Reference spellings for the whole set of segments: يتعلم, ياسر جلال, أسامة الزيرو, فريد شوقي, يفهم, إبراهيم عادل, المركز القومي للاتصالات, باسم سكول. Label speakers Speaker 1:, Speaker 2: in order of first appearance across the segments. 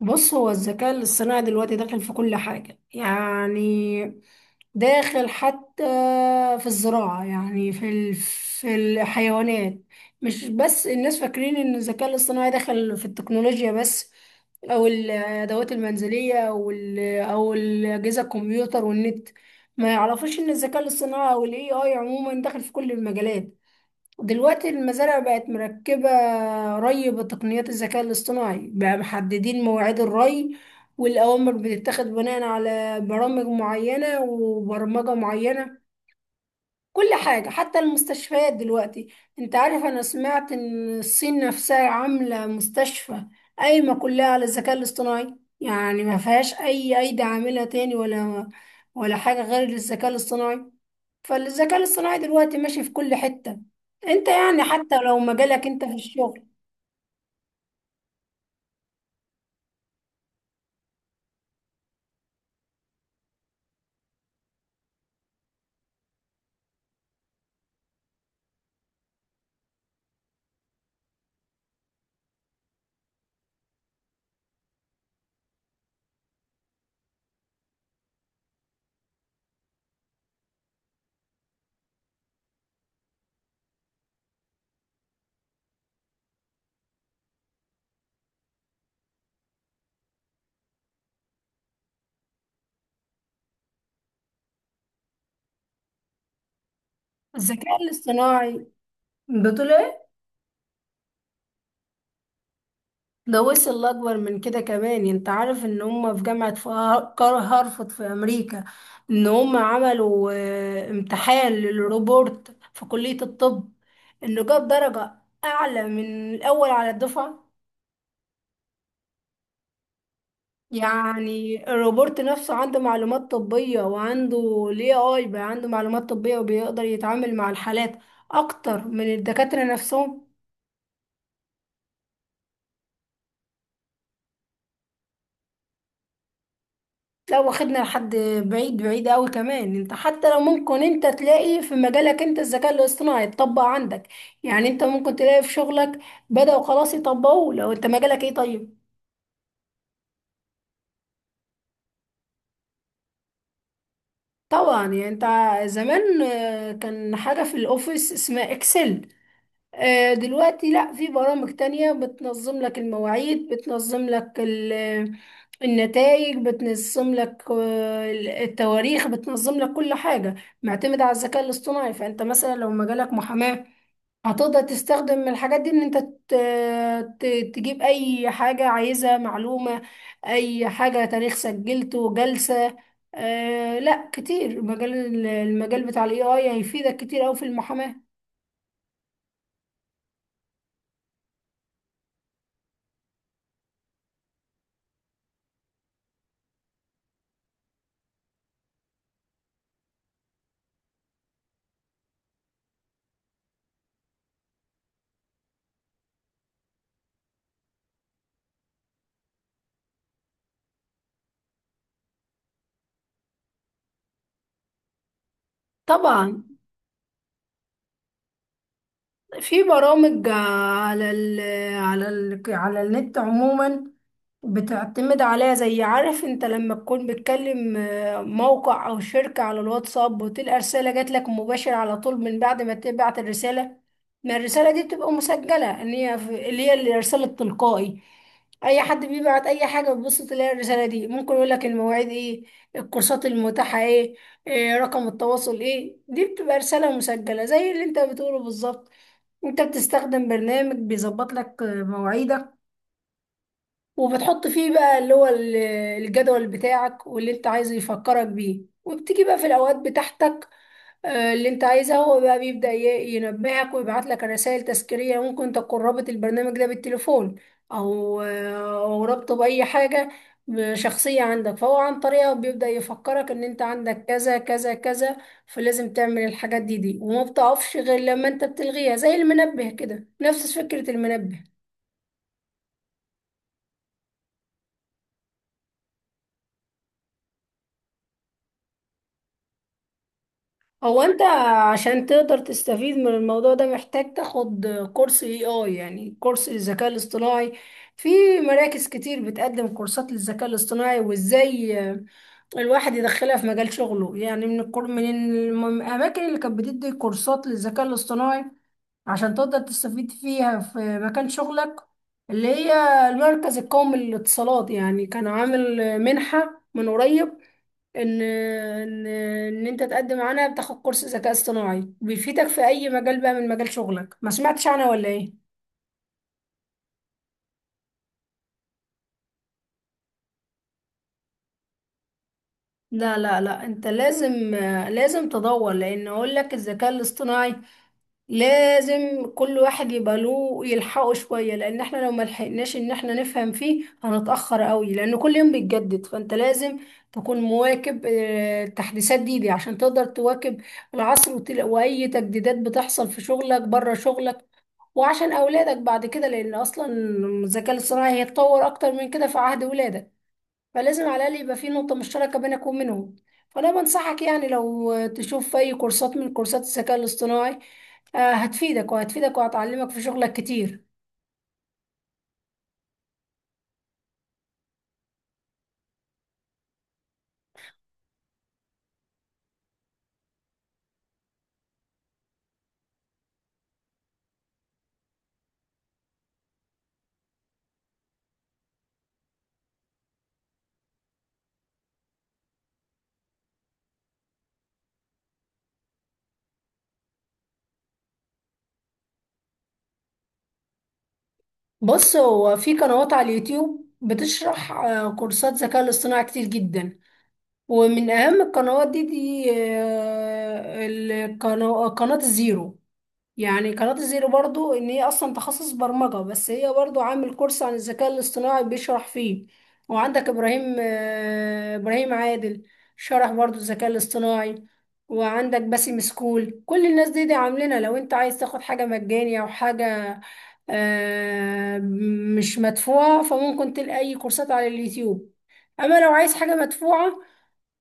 Speaker 1: بص، هو الذكاء الاصطناعي دلوقتي داخل في كل حاجة. يعني داخل حتى في الزراعة. يعني في الحيوانات. مش بس الناس فاكرين ان الذكاء الاصطناعي داخل في التكنولوجيا بس، او الادوات المنزلية، او الاجهزة الكمبيوتر والنت. ما يعرفوش ان الذكاء الاصطناعي او الاي اي عموما داخل في كل المجالات. دلوقتي المزارع بقت مركبة ري بتقنيات الذكاء الاصطناعي، بقى محددين مواعيد الري، والأوامر بتتاخد بناء على برامج معينة وبرمجة معينة، كل حاجة. حتى المستشفيات دلوقتي، انت عارف انا سمعت ان الصين نفسها عاملة مستشفى قايمة كلها على الذكاء الاصطناعي. يعني ما فيهاش اي ايدي عاملة تاني، ولا حاجة غير الذكاء الاصطناعي. فالذكاء الاصطناعي دلوقتي ماشي في كل حتة. انت يعني حتى لو مجالك انت في الشغل. الذكاء الاصطناعي بطول، ده وصل لأكبر من كده كمان. يعني انت عارف ان هم في جامعة هارفارد في امريكا، ان هم عملوا امتحان للروبورت في كلية الطب، انه جاب درجة اعلى من الاول على الدفعة. يعني الروبورت نفسه عنده معلومات طبية، وعنده ال AI بقى عنده معلومات طبية، وبيقدر يتعامل مع الحالات اكتر من الدكاترة نفسهم. لو واخدنا لحد بعيد بعيد قوي كمان، انت حتى لو ممكن انت تلاقي في مجالك انت الذكاء الاصطناعي يتطبق عندك. يعني انت ممكن تلاقي في شغلك بدأوا خلاص يطبقوه. لو انت مجالك ايه؟ طيب، طبعا. يعني انت زمان كان حاجة في الاوفيس اسمها اكسل. دلوقتي لا، في برامج تانية بتنظم لك المواعيد، بتنظم لك النتائج، بتنظم لك التواريخ، بتنظم لك كل حاجة، معتمدة على الذكاء الاصطناعي. فانت مثلا لو مجالك محاماة، هتقدر تستخدم الحاجات دي ان انت تجيب اي حاجة عايزها، معلومة، اي حاجة، تاريخ سجلته، جلسة. آه لا، كتير مجال، المجال بتاع الاي اي هيفيدك كتير اوي في المحاماة. طبعا في برامج على النت عموما بتعتمد عليها. زي، عارف انت لما تكون بتكلم موقع او شركة على الواتساب، وتلقى رسالة جات لك مباشر على طول من بعد ما تبعت الرسالة؟ ما الرسالة دي بتبقى مسجلة ان هي اللي هي الرسالة التلقائي. اي حد بيبعت اي حاجة بتبص تلاقي الرسالة دي، ممكن يقول لك المواعيد ايه، الكورسات المتاحة ايه، إيه رقم التواصل، ايه، دي بتبقى رسالة مسجلة زي اللي انت بتقوله بالظبط. انت بتستخدم برنامج بيظبط لك مواعيدك، وبتحط فيه بقى الجدول بتاعك، واللي انت عايزه يفكرك بيه، وبتيجي بقى في الاوقات بتاعتك اللي انت عايزها. هو بقى بيبدأ ينبهك ويبعت لك رسائل تذكيرية. ممكن تكون رابط البرنامج ده بالتليفون، او او رابطه بأي حاجة شخصية عندك، فهو عن طريقها بيبدأ يفكرك ان انت عندك كذا كذا كذا، فلازم تعمل الحاجات دي، وما بتقفش غير لما انت بتلغيها، زي المنبه كده، نفس فكرة المنبه. انت عشان تقدر تستفيد من الموضوع ده، محتاج تاخد كورس اي اي، يعني كورس الذكاء الاصطناعي. في مراكز كتير بتقدم كورسات للذكاء الاصطناعي، وازاي الواحد يدخلها في مجال شغله. يعني من الكور من الم- الاماكن اللي كانت بتدي كورسات للذكاء الاصطناعي عشان تقدر تستفيد فيها في مكان شغلك، اللي هي المركز القومي للاتصالات. يعني كان عامل منحة من قريب، ان انت تقدم عنها بتاخد كورس ذكاء اصطناعي بيفيدك في اي مجال بقى من مجال شغلك. ما سمعتش عنها ولا ايه؟ لا لا لا، انت لازم، لازم تدور. لان اقول لك، الذكاء الاصطناعي لازم كل واحد يبقى له يلحقه شوية، لان احنا لو ما لحقناش ان احنا نفهم فيه هنتأخر قوي، لان كل يوم بيتجدد. فانت لازم تكون مواكب التحديثات دي عشان تقدر تواكب العصر، واي تجديدات بتحصل في شغلك بره شغلك، وعشان اولادك بعد كده، لان اصلا الذكاء الاصطناعي هيتطور اكتر من كده في عهد ولادك، فلازم على الاقل يبقى في نقطه مشتركه بينك وبينهم. فانا بنصحك يعني لو تشوف اي كورسات من كورسات الذكاء الاصطناعي، هتفيدك وهتفيدك وهتعلمك في شغلك كتير. بص، هو في قنوات على اليوتيوب بتشرح كورسات ذكاء الاصطناعي كتير جدا. ومن اهم القنوات دي قناه الزيرو. يعني قناة الزيرو برضو ان هي اصلا تخصص برمجة، بس هي برضو عامل كورس عن الذكاء الاصطناعي بيشرح فيه. وعندك ابراهيم، ابراهيم عادل، شرح برضو الذكاء الاصطناعي. وعندك باسم سكول. كل الناس دي عاملينها. لو انت عايز تاخد حاجة مجانية او حاجة آه، مش مدفوعة، فممكن تلاقي اي كورسات على اليوتيوب. اما لو عايز حاجة مدفوعة،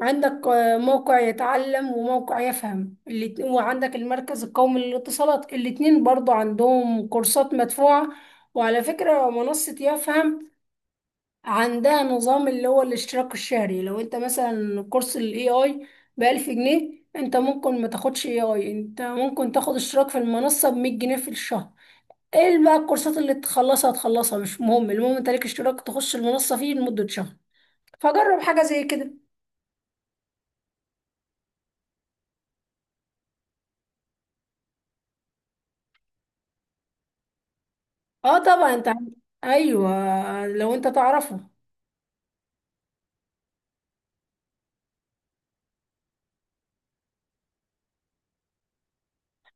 Speaker 1: عندك موقع يتعلم وموقع يفهم وعندك المركز القومي للاتصالات، الاتنين برضو عندهم كورسات مدفوعة. وعلى فكرة منصة يفهم عندها نظام اللي هو الاشتراك الشهري. لو انت مثلا كورس الاي اي ب1000 جنيه، انت ممكن ما تاخدش اي اي، انت ممكن تاخد اشتراك في المنصة ب100 جنيه في الشهر. ايه بقى الكورسات اللي تخلصها تخلصها، مش مهم، المهم انت ليك اشتراك تخش المنصة فيه لمدة شهر. فجرب حاجة زي كده. اه طبعا، ايوه لو انت تعرفه.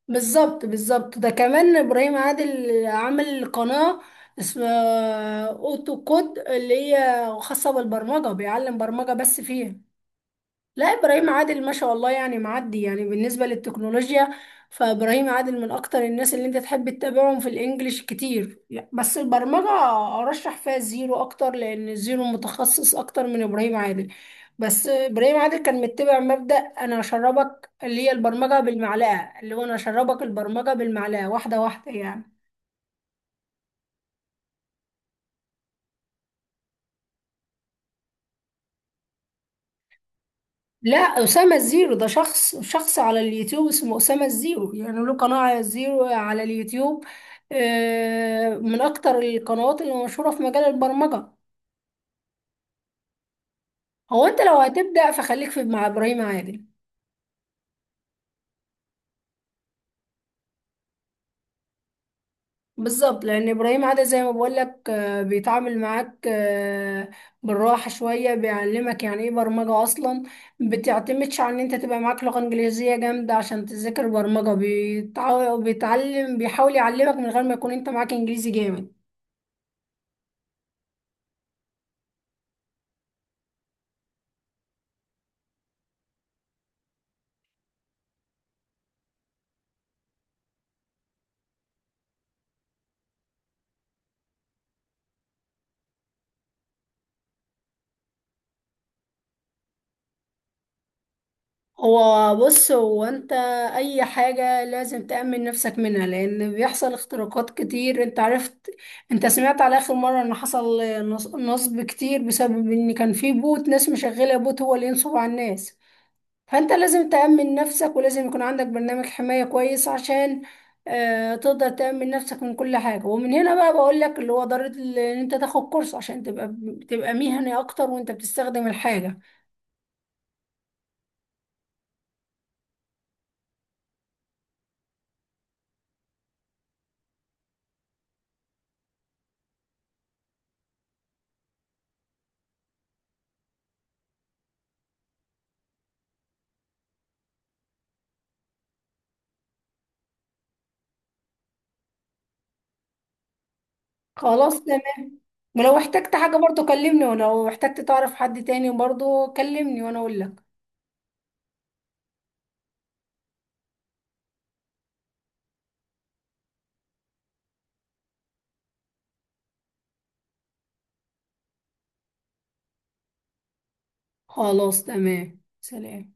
Speaker 1: بالظبط بالظبط، ده كمان ابراهيم عادل عامل قناة اسمها اوتو كود اللي هي خاصة بالبرمجة، بيعلم برمجة بس فيها. لا، ابراهيم عادل ما شاء الله يعني معدي يعني بالنسبه للتكنولوجيا. فابراهيم عادل من اكتر الناس اللي انت تحب تتابعهم في الانجليش كتير. بس البرمجه ارشح فيها الزيرو اكتر، لان الزيرو متخصص اكتر من ابراهيم عادل. بس ابراهيم عادل كان متبع مبدأ انا اشربك، اللي هي البرمجه بالمعلقه، اللي هو انا اشربك البرمجه بالمعلقه واحده واحده يعني. لا، أسامة الزيرو ده شخص، شخص على اليوتيوب اسمه أسامة الزيرو. يعني له قناة على الزيرو على اليوتيوب، من أكتر القنوات اللي مشهورة في مجال البرمجة. هو أنت لو هتبدأ فخليك في مع إبراهيم عادل. بالظبط، لأن إبراهيم عادل زي ما بقول لك بيتعامل معاك بالراحة شوية، بيعلمك يعني إيه برمجة أصلا. بتعتمدش على إن أنت تبقى معاك لغة إنجليزية جامدة عشان تذاكر برمجة. بيتعلم، بيحاول يعلمك من غير ما يكون أنت معاك إنجليزي جامد. بص، هو انت اي حاجة لازم تأمن نفسك منها، لان بيحصل اختراقات كتير. انت سمعت على اخر مرة ان حصل نصب كتير بسبب ان كان في بوت، ناس مشغلة بوت هو اللي ينصب على الناس. فانت لازم تأمن نفسك، ولازم يكون عندك برنامج حماية كويس عشان اه تقدر تأمن نفسك من كل حاجة. ومن هنا بقى بقول لك اللي هو ضرورة ان انت تاخد كورس عشان تبقى مهني اكتر وانت بتستخدم الحاجة. خلاص، ولو احتجت حاجة برضو كلمني، ولو احتجت تعرف حد تاني برضو كلمني وانا اقول لك. خلاص، تمام، سلام.